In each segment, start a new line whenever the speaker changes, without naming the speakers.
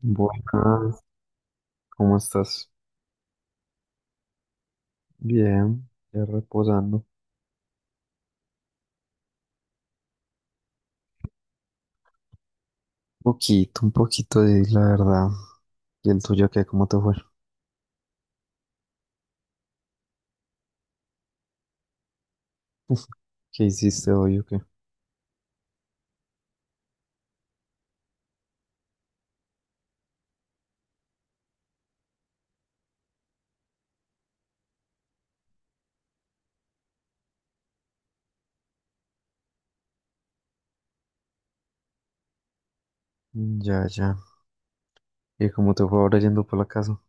Buenas, ¿cómo estás? Bien, ya reposando. Un poquito de la verdad. ¿Y el tuyo qué? ¿Cómo te fue? ¿Qué hiciste hoy o qué? Ya, ya. ¿Y cómo te fue ahora yendo por la casa?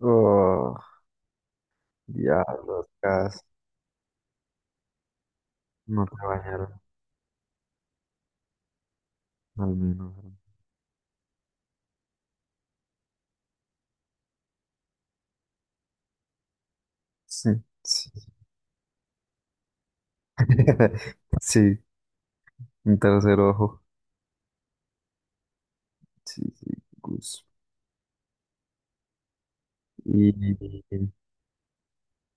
Oh, diablos, casa. No te bañaron, al menos. Sí, sí. Sí, un tercer ojo. Sí, sí, Gus. Y, y,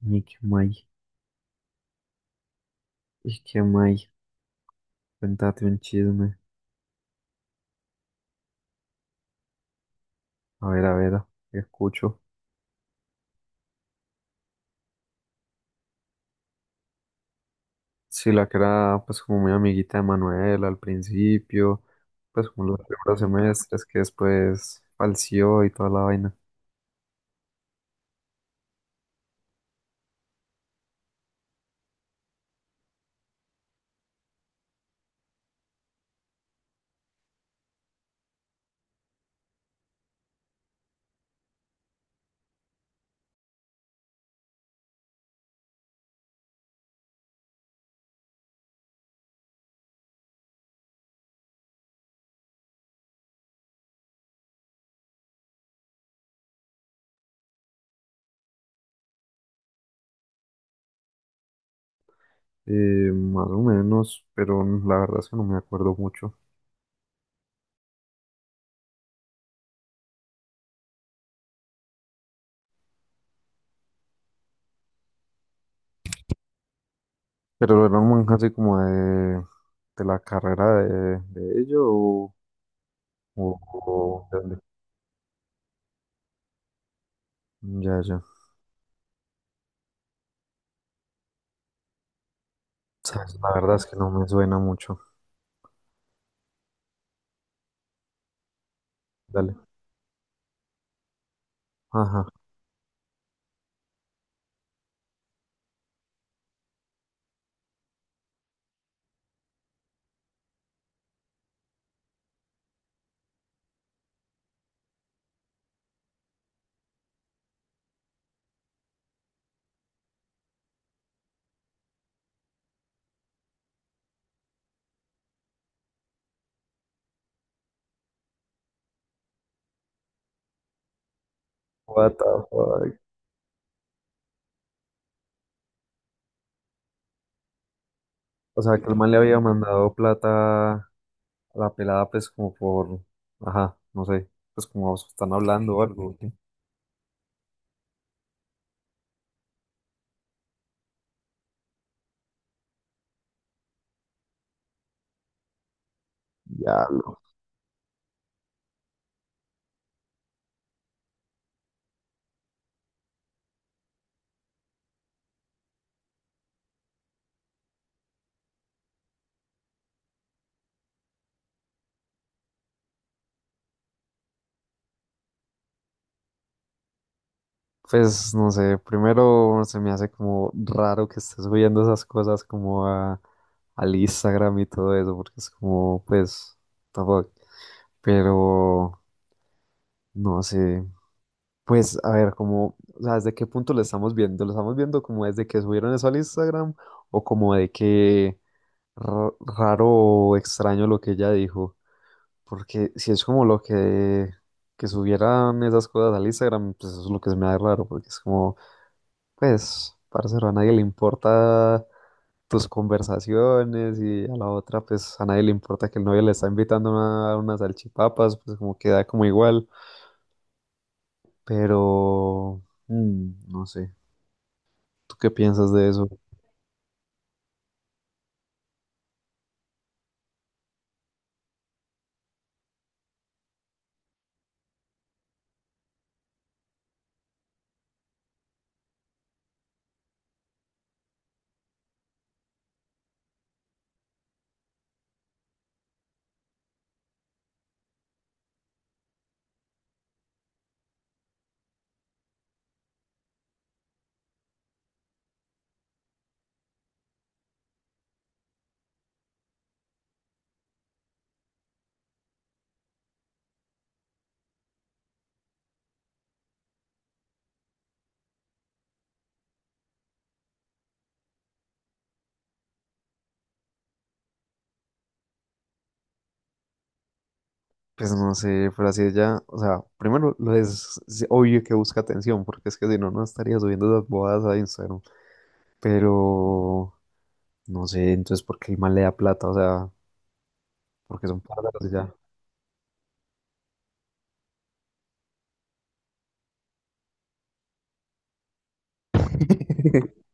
y qué más, y qué más. Cuéntate un chisme. A ver, escucho. Sí, la que era pues como muy amiguita de Manuel al principio, pues como los primeros semestres que después falseó y toda la vaina. Más o menos, pero la verdad es que no me acuerdo mucho. Pero era un manga así como de la carrera de ello o, o de. Ya, ya. Sabes, la verdad es que no me suena mucho. Dale. Ajá. What the fuck. O sea, que el man le había mandado plata la pelada, pues, como por, ajá, no sé, pues, como están hablando o algo. ¿Qué? Ya no. Pues, no sé, primero se me hace como raro que estés subiendo esas cosas como a, al Instagram y todo eso, porque es como, pues, tampoco. Pero, no sé, pues, a ver, como, o sea, ¿desde qué punto lo estamos viendo? ¿Lo estamos viendo como desde que subieron eso al Instagram o como de que raro o extraño lo que ella dijo? Porque si es como lo que subieran esas cosas al Instagram, pues eso es lo que se me da raro, porque es como, pues, parcero, a nadie le importa tus conversaciones y a la otra, pues, a nadie le importa que el novio le está invitando a a unas salchipapas, pues como queda como igual, pero, no sé, ¿tú qué piensas de eso? Pues no sé, pero así ella, o sea, primero lo es obvio que busca atención, porque es que si no, no estaría subiendo esas bodas a Instagram, pero... No sé, entonces, ¿por qué el man le da plata? O sea, porque son parceros ya.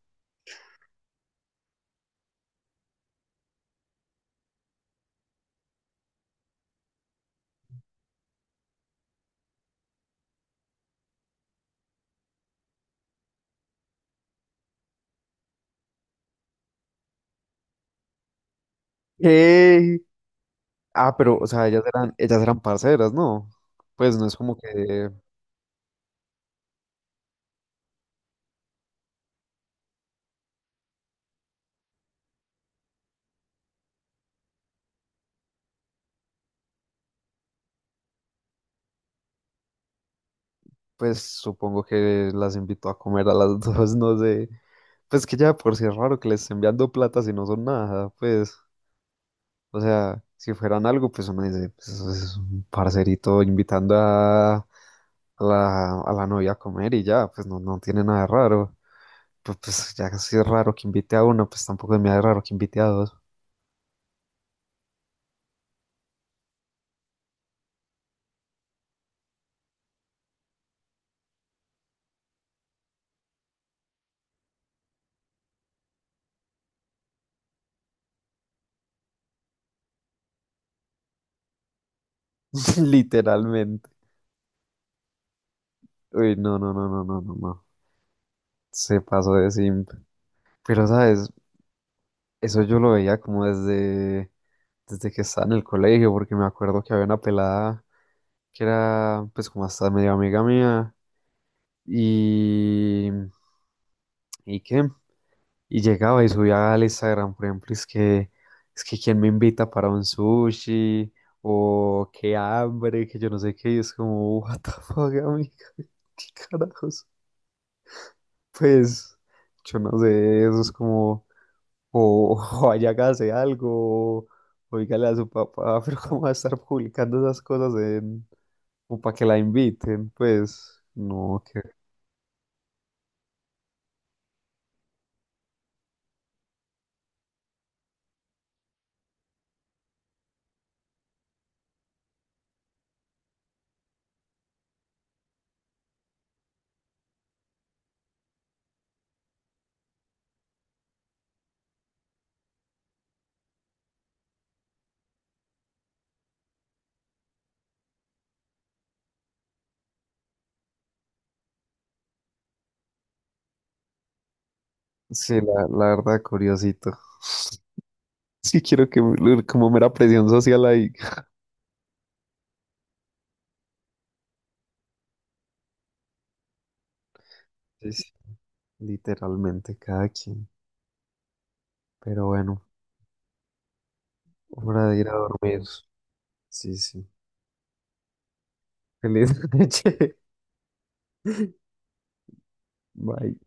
¿Qué? Ah, pero, o sea, ellas eran parceras, ¿no? Pues no es como que, pues supongo que las invitó a comer a las dos, no sé. Pues que ya por si es raro que les estén enviando plata si no son nada, pues, o sea, si fueran algo, pues uno dice, pues eso es un parcerito invitando a la novia a comer y ya, pues no, no tiene nada de raro. Pues, pues, ya si es raro que invite a uno, pues tampoco es muy raro que invite a dos. Literalmente. Uy, no, no, no, no, no, no, no. Se pasó de simp. Pero, ¿sabes? Eso yo lo veía como desde, desde que estaba en el colegio, porque me acuerdo que había una pelada que era, pues, como hasta medio amiga mía. Y. ¿Y qué? Y llegaba y subía al Instagram, por ejemplo, es que quién me invita para un sushi, o qué hambre, que yo no sé qué, y es como, what the fuck, amiga, qué carajos. Pues, yo no sé, eso es como, o, o vaya, hágase algo, o dígale a su papá, pero cómo va a estar publicando esas cosas en, o para que la inviten, pues, no, que, sí, la verdad, curiosito. Sí quiero que, como mera presión social ahí. Literalmente cada quien. Pero bueno, hora de ir a dormir. Sí, sí. Feliz noche. Bye.